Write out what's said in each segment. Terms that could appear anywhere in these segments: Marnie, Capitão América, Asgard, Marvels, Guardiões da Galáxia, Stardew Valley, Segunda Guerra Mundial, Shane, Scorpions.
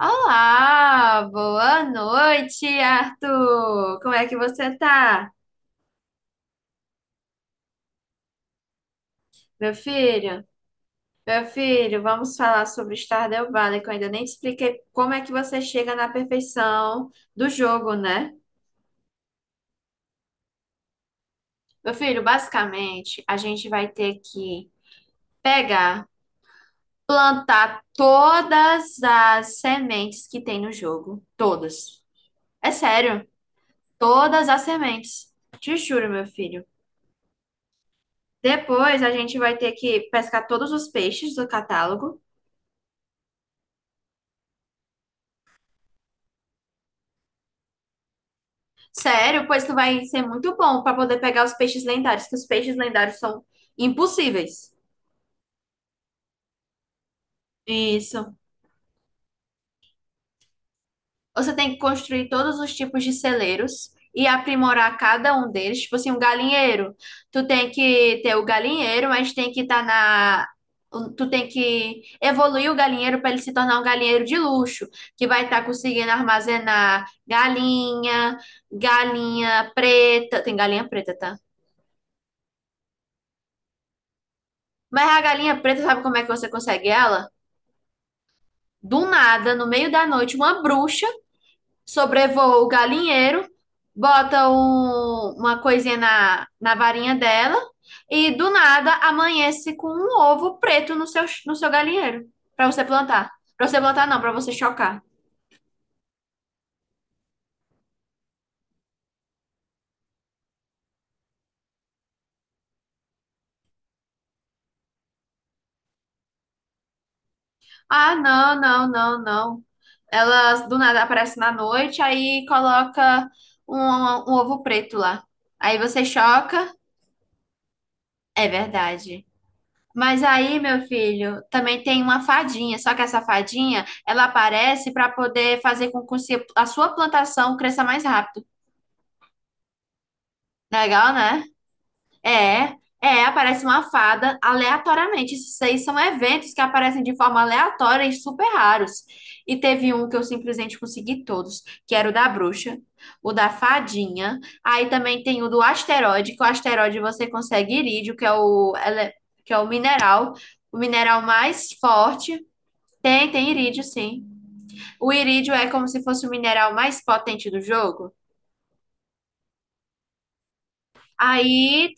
Olá, boa noite, Arthur. Como é que você tá, meu filho? Meu filho, vamos falar sobre o Stardew Valley, que eu ainda nem te expliquei como é que você chega na perfeição do jogo, né? Meu filho, basicamente, a gente vai ter que pegar, plantar todas as sementes que tem no jogo, todas. É sério, todas as sementes. Te juro, meu filho. Depois a gente vai ter que pescar todos os peixes do catálogo. Sério, pois tu vai ser muito bom para poder pegar os peixes lendários, que os peixes lendários são impossíveis. Isso. Você tem que construir todos os tipos de celeiros e aprimorar cada um deles. Tipo assim, um galinheiro. Tu tem que ter o galinheiro, mas tem que estar na. Tu tem que evoluir o galinheiro para ele se tornar um galinheiro de luxo, que vai estar conseguindo armazenar galinha, galinha preta. Tem galinha preta, tá? Mas a galinha preta, sabe como é que você consegue ela? Do nada, no meio da noite, uma bruxa sobrevoa o galinheiro, bota uma coisinha na varinha dela e do nada amanhece com um ovo preto no seu galinheiro para você plantar. Para você plantar, não, para você chocar. Ah, não. Ela do nada aparece na noite, aí coloca um ovo preto lá. Aí você choca. É verdade. Mas aí, meu filho, também tem uma fadinha, só que essa fadinha, ela aparece para poder fazer com que a sua plantação cresça mais rápido. Legal, né? É, é, aparece uma fada aleatoriamente. Isso aí são eventos que aparecem de forma aleatória e super raros. E teve um que eu simplesmente consegui todos, que era o da bruxa, o da fadinha. Aí também tem o do asteroide, que o asteroide você consegue irídio, que é que é o mineral mais forte. Tem, tem irídio, sim. O irídio é como se fosse o mineral mais potente do jogo. Aí,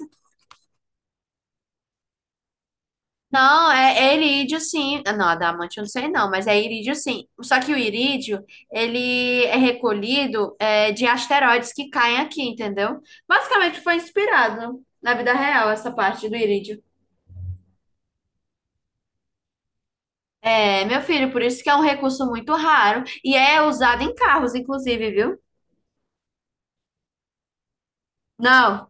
não, é irídio, sim. Ah, não, adamante eu não sei não, mas é irídio, sim. Só que o irídio, ele é recolhido é, de asteroides que caem aqui, entendeu? Basicamente foi inspirado na vida real essa parte do irídio. É, meu filho, por isso que é um recurso muito raro e é usado em carros, inclusive, viu? Não.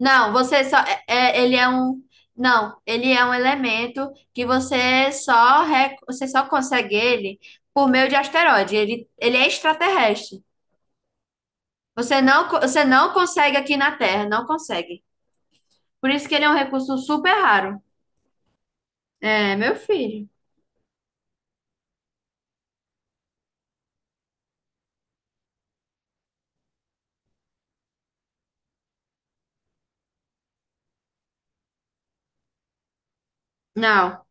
Não, você só. Ele é um. Não, ele é um elemento que você só, você só consegue ele por meio de asteroide. Ele é extraterrestre. Você não, você não consegue aqui na Terra, não consegue. Por isso que ele é um recurso super raro. É, meu filho. Não.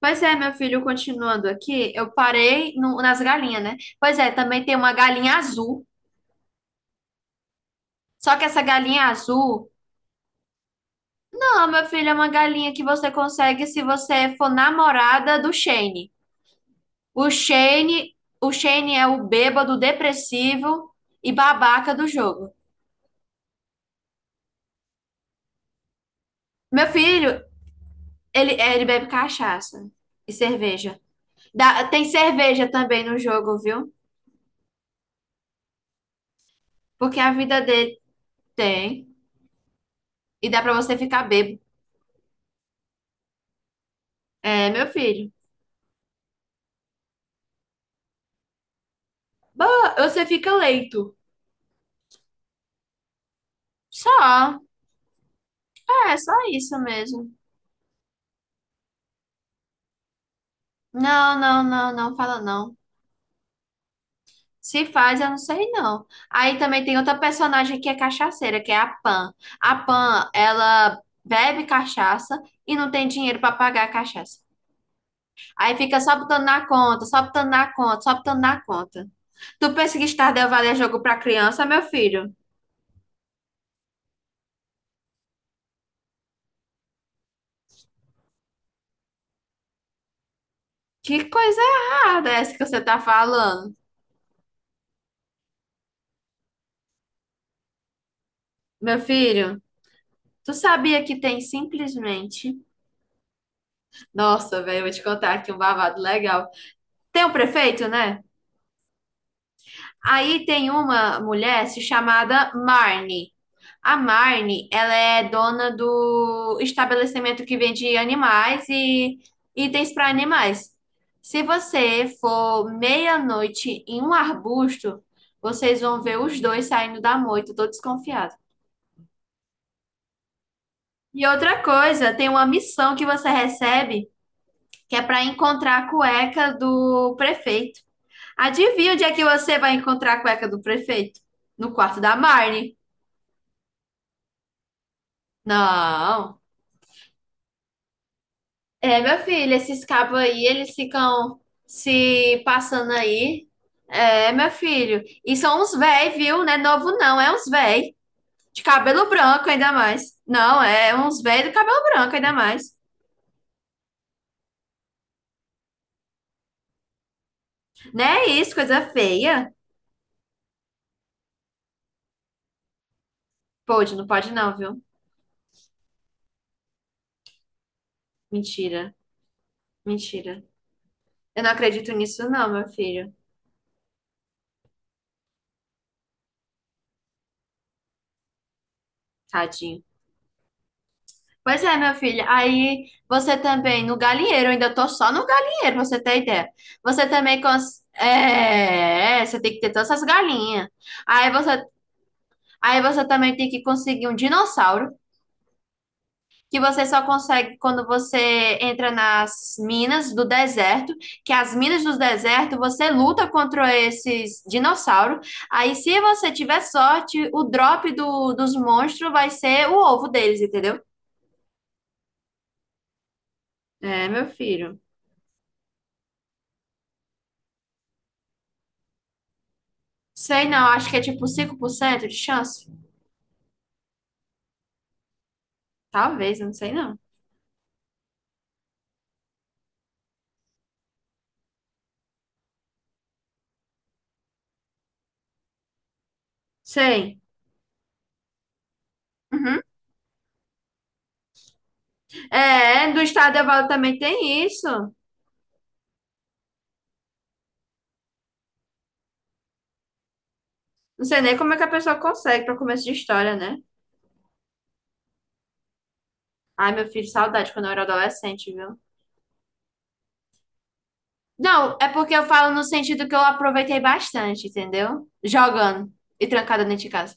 Pois é, meu filho, continuando aqui, eu parei nas galinhas, né? Pois é, também tem uma galinha azul. Só que essa galinha azul. Não, meu filho, é uma galinha que você consegue se você for namorada do Shane. O Shane é o bêbado depressivo e babaca do jogo. Meu filho, ele, é, ele bebe cachaça e cerveja. Dá- tem cerveja também no jogo, viu? Porque a vida dele tem. E dá pra você ficar bêbado. É, meu filho. Bah, você fica leito. Só. É, só isso mesmo. Não, não, não fala não. Se faz, eu não sei não. Aí também tem outra personagem que é cachaceira, que é a Pan. A Pan, ela bebe cachaça e não tem dinheiro para pagar a cachaça. Aí fica só botando na conta, só botando na conta, só botando na conta. Tu pensa que Stardew Valley é jogo para criança, meu filho? Que coisa errada essa que você tá falando, meu filho? Tu sabia que tem simplesmente... Nossa, velho, eu vou te contar aqui um babado legal. Tem um prefeito, né? Aí tem uma mulher se chamada Marnie. A Marnie, ela é dona do estabelecimento que vende animais e itens para animais. Se você for meia-noite em um arbusto, vocês vão ver os dois saindo da moita, tô desconfiado. E outra coisa, tem uma missão que você recebe, que é para encontrar a cueca do prefeito. Adivinha onde é que você vai encontrar a cueca do prefeito? No quarto da Marnie. Não. É, meu filho, esses cabos aí, eles ficam se passando aí. É, meu filho. E são uns véi, viu? Não é novo, não. É uns véi. De cabelo branco, ainda mais. Não, é uns véi do cabelo branco, ainda mais. Não é isso, coisa feia. Pode não, viu? Mentira. Mentira. Eu não acredito nisso, não, meu filho. Tadinho. Pois é, minha filha. Aí você também, no galinheiro, eu ainda tô só no galinheiro, pra você ter ideia. Você também cons... é, você tem que ter todas essas galinhas. Aí você também tem que conseguir um dinossauro, que você só consegue quando você entra nas minas do deserto, que as minas do deserto, você luta contra esses dinossauros. Aí se você tiver sorte, o drop dos monstros vai ser o ovo deles, entendeu? É, meu filho. Sei não, acho que é tipo 5% de chance. Talvez, não sei não. Sei. Uhum. É, do estado Evaldo também tem isso. Não sei nem como é que a pessoa consegue para começo de história, né? Ai, meu filho, saudade quando eu era adolescente, viu? Não, é porque eu falo no sentido que eu aproveitei bastante, entendeu? Jogando e trancada dentro de casa.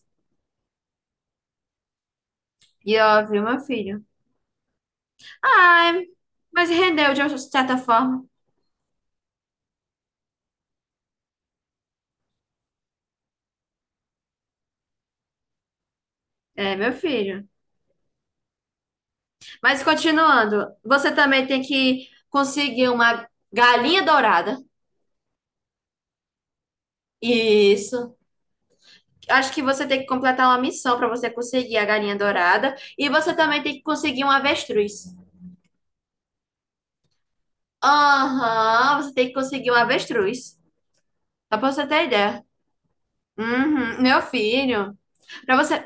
E ó, viu, meu filho? Ai, mas rendeu de uma certa forma. É, meu filho. Mas continuando, você também tem que conseguir uma galinha dourada. Isso. Acho que você tem que completar uma missão para você conseguir a galinha dourada. E você também tem que conseguir um avestruz. Aham, você tem que conseguir um avestruz. Só pra você ter ideia. Uhum, meu filho. Pra você.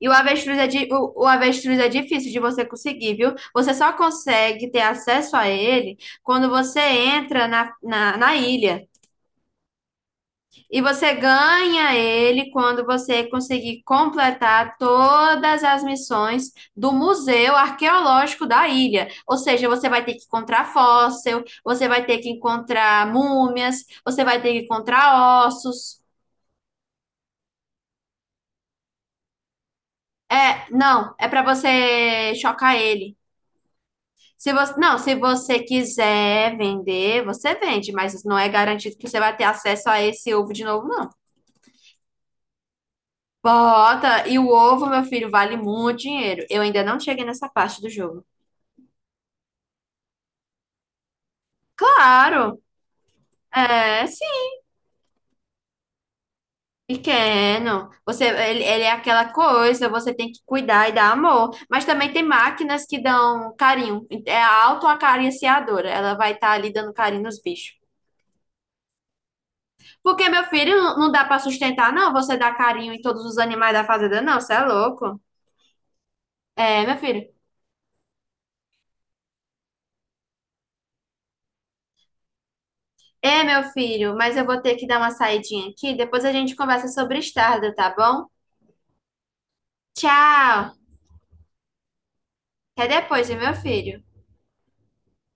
E o avestruz é o avestruz é difícil de você conseguir, viu? Você só consegue ter acesso a ele quando você entra na ilha. E você ganha ele quando você conseguir completar todas as missões do Museu Arqueológico da ilha. Ou seja, você vai ter que encontrar fóssil, você vai ter que encontrar múmias, você vai ter que encontrar ossos. É, não, é para você chocar ele. Se você, não, se você quiser vender, você vende, mas não é garantido que você vai ter acesso a esse ovo de novo, não. Bota, e o ovo, meu filho, vale muito dinheiro. Eu ainda não cheguei nessa parte do jogo. Claro, é, sim, pequeno. Você, ele é aquela coisa, você tem que cuidar e dar amor. Mas também tem máquinas que dão carinho. É a autoacariciadora, ela vai estar ali dando carinho nos bichos. Porque, meu filho, não não dá para sustentar, não, você dá carinho em todos os animais da fazenda, não, você é louco. É, meu filho. É, meu filho, mas eu vou ter que dar uma saidinha aqui, depois a gente conversa sobre estarda, tá bom? Tchau. Até depois, viu, meu filho.